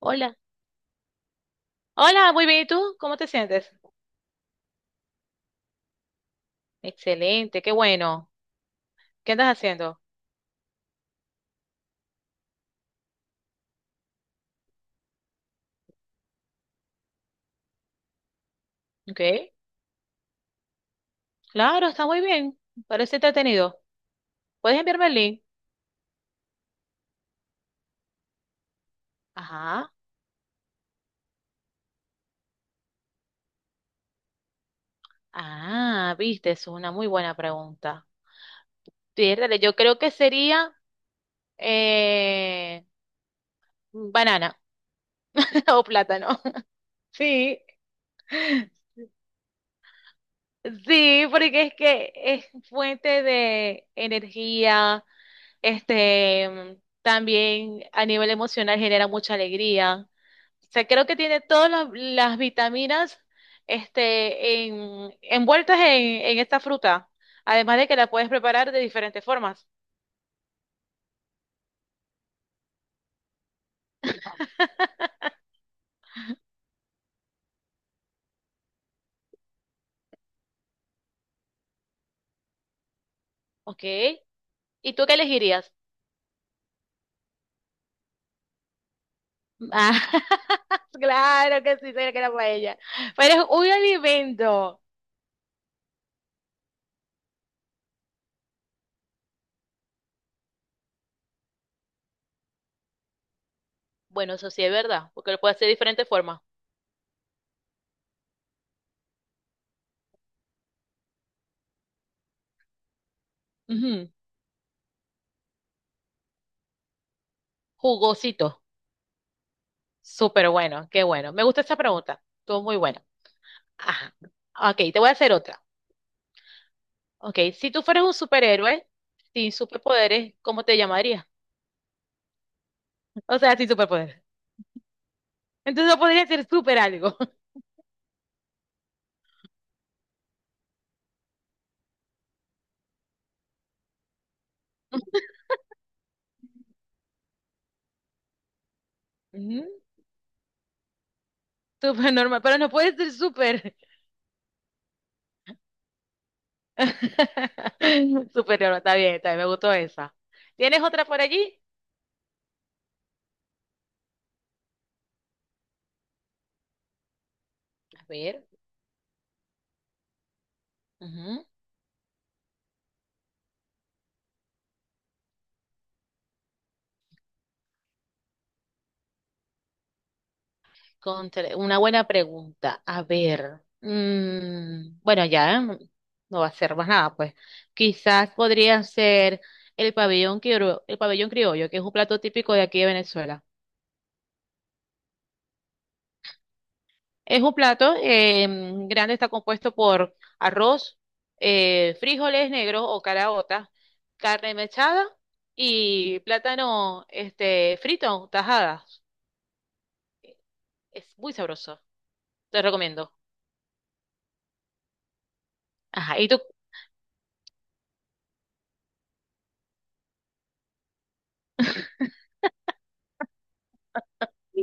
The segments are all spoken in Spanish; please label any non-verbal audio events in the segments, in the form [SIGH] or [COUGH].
Hola, hola, muy bien, ¿y tú? ¿Cómo te sientes? Excelente, qué bueno. ¿Qué andas haciendo? Ok, claro, está muy bien, parece entretenido. ¿Puedes enviarme el link? Ajá, ah, viste, es una muy buena pregunta. Piérdale, yo creo que sería eh, banana [LAUGHS] o plátano. [LAUGHS] Sí, sí, porque es que es fuente de energía. Este, también a nivel emocional genera mucha alegría. O sea, creo que tiene todas las vitaminas, este, envueltas en esta fruta. Además de que la puedes preparar de diferentes formas. ¿Ok? ¿Y tú qué elegirías? Ah, [LAUGHS] claro que sí, sería que era paella. Pero es un alimento. Bueno, eso sí es verdad, porque lo puedes hacer de diferentes formas. Ujú. Jugosito. Súper bueno, qué bueno. Me gusta esa pregunta. Estuvo muy buena. Ajá. Ok, te voy a hacer otra. Ok, si tú fueras un superhéroe sin superpoderes, ¿cómo te llamarías? [LAUGHS] O sea, sin superpoderes. Entonces no podría ser super algo. [LAUGHS] Ujú. Super normal, pero no puede ser super. [LAUGHS] Super normal, está bien, me gustó esa. ¿Tienes otra por allí? A ver. Una buena pregunta. A ver, mm, bueno, ya ¿eh? No va a ser más nada, pues. Quizás podría ser el pabellón criollo, que es un plato típico de aquí de Venezuela. Es un plato grande, está compuesto por arroz, frijoles negros o caraotas, carne mechada y plátano este, frito, tajadas. Es muy sabroso, te recomiendo. Ajá, ¿y tú? [LAUGHS] [LAUGHS]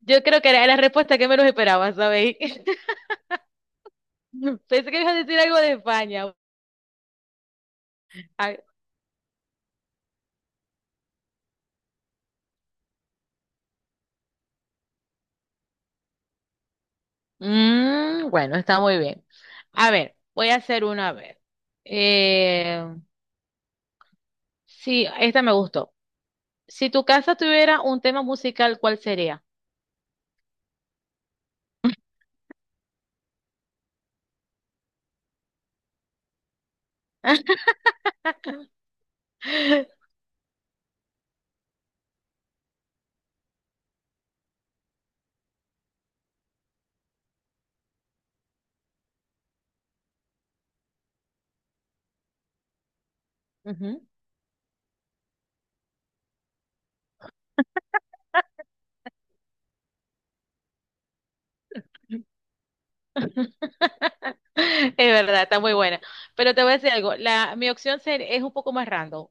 Yo creo que era la respuesta que menos esperaba, ¿sabéis? [LAUGHS] Pensé que ibas a decir algo de España. Ah, mm, bueno, está muy bien. A ver, voy a hacer una a ver. Eh, sí, esta me gustó. Si tu casa tuviera un tema musical, ¿cuál sería? [LAUGHS] Ujú. [LAUGHS] Es verdad, está muy buena. Pero te voy a decir algo, la, mi opción es un poco más random,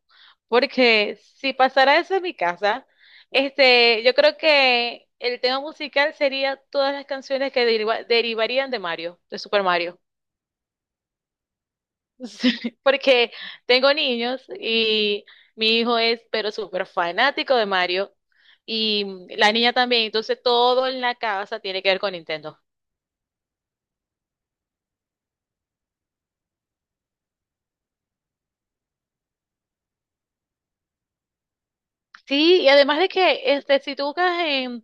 porque si pasara eso en mi casa, este, yo creo que el tema musical sería todas las canciones que derivarían de Mario, de Super Mario. [LAUGHS] Sí, porque tengo niños y mi hijo es pero súper fanático de Mario y la niña también, entonces todo en la casa tiene que ver con Nintendo. Sí, y además de que este, si tú buscas en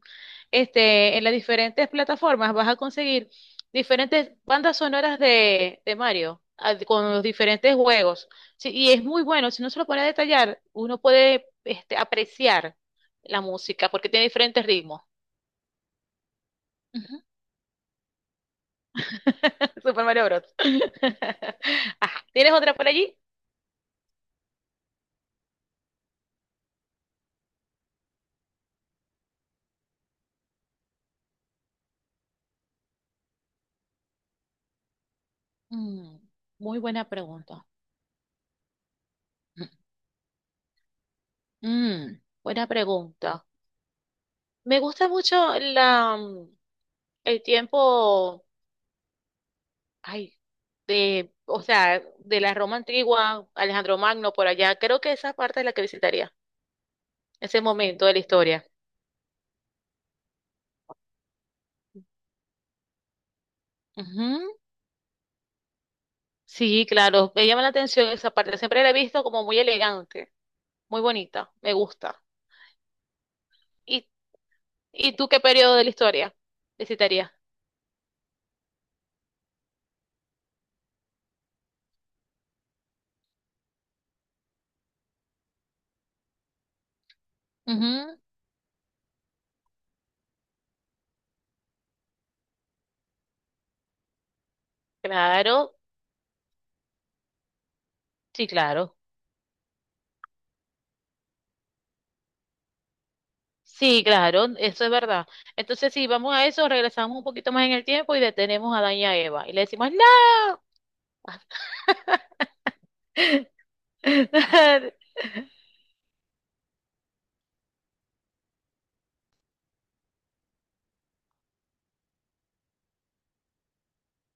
este, en las diferentes plataformas vas a conseguir diferentes bandas sonoras de Mario, ah, con los diferentes juegos. Sí, y es muy bueno, si no se lo pone a detallar, uno puede este, apreciar la música porque tiene diferentes ritmos. Ujú. [LAUGHS] Super Mario Bros. [LAUGHS] Ajá, ¿tienes otra por allí? Mm, muy buena pregunta. Mm, buena pregunta. Me gusta mucho la, mm, el tiempo. Ay, de, o sea, de la Roma antigua, Alejandro Magno por allá. Creo que esa parte es la que visitaría, ese momento de la historia. Ujú. Sí, claro, me llama la atención esa parte. Siempre la he visto como muy elegante, muy bonita, me gusta. ¿Y, y tú qué periodo de la historia visitarías? Ujú. Claro, sí, claro. Sí, claro, eso es verdad. Entonces, si vamos a eso, regresamos un poquito más en el tiempo y detenemos a Daña Eva y le decimos, ¡no! [LAUGHS]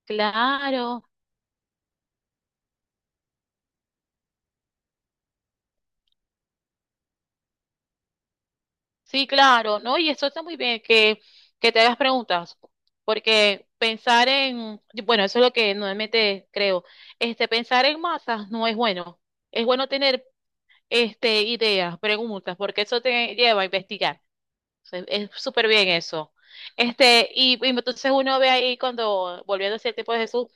Claro. Sí, claro, ¿no? Y eso está muy bien, que te hagas preguntas, porque pensar en, bueno, eso es lo que normalmente creo, este, pensar en masas no es bueno, es bueno tener este, ideas, preguntas, porque eso te lleva a investigar. O sea, es súper bien eso. Este, y entonces uno ve ahí cuando, volviendo hacia el tiempo de Jesús,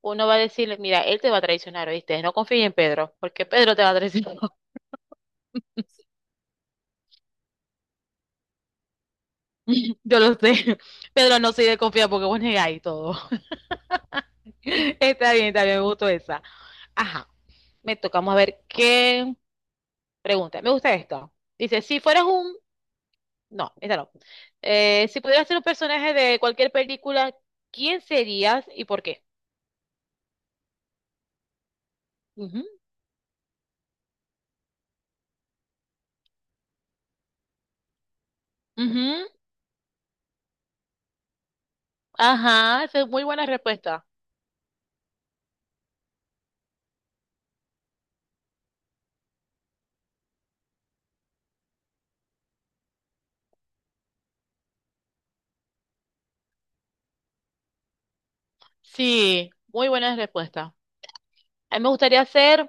uno va a decirle, mira, él te va a traicionar, ¿oíste? No confíes en Pedro, porque Pedro te va a traicionar. [LAUGHS] Yo lo sé. [LAUGHS] Pedro no se de confiar porque vos negáis todo. Está está bien, me gustó esa. Ajá, me tocamos a ver qué pregunta. Me gusta esto. Dice, si fueras un... No, esta no. Si pudieras ser un personaje de cualquier película, ¿quién serías y por qué? Ujú, ujú. Ajá, esa es muy buena respuesta. Sí, muy buena respuesta. A mí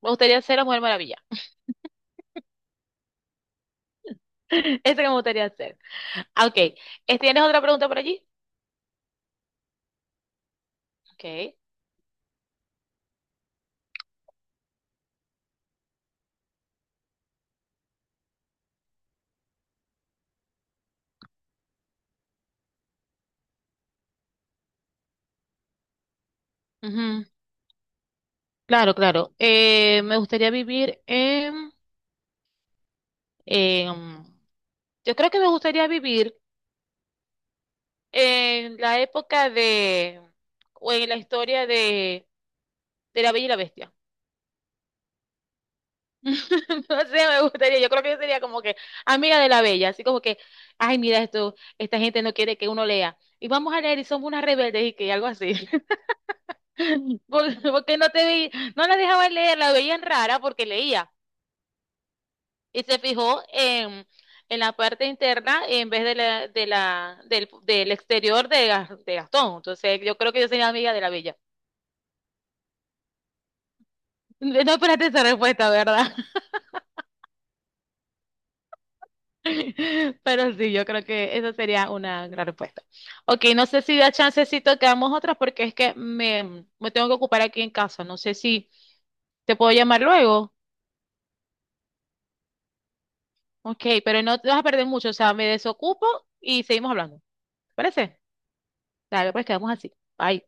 me gustaría ser la Mujer Maravilla. [LAUGHS] Esa que me gustaría ser. Ah, ok, ¿tienes otra pregunta por allí? Ok. Ujú. Claro, claro. Me gustaría vivir en, en- Yo creo que me gustaría vivir en la época de... o en la historia de la Bella y la Bestia. [LAUGHS] No sé, me gustaría. Yo creo que yo sería como que amiga de la Bella. Así como que, ay, mira esto, esta gente no quiere que uno lea. Y vamos a leer y somos unas rebeldes y que algo así. [LAUGHS] Porque no te vi, no la dejaban leer, la veían rara porque leía. Y se fijó en la parte interna en vez de la, del, del exterior de, de Gastón. Entonces, yo creo que yo soy amiga de la bella. [LAUGHS] No esperaste esa respuesta, ¿verdad? [LAUGHS] Pero sí, yo creo que esa sería una gran respuesta. Ok, no sé si da chancecito que hagamos otras porque es que me tengo que ocupar aquí en casa. No sé si te puedo llamar luego. Ok, pero no te vas a perder mucho. O sea, me desocupo y seguimos hablando. ¿Te parece? Dale, pues quedamos así. Bye.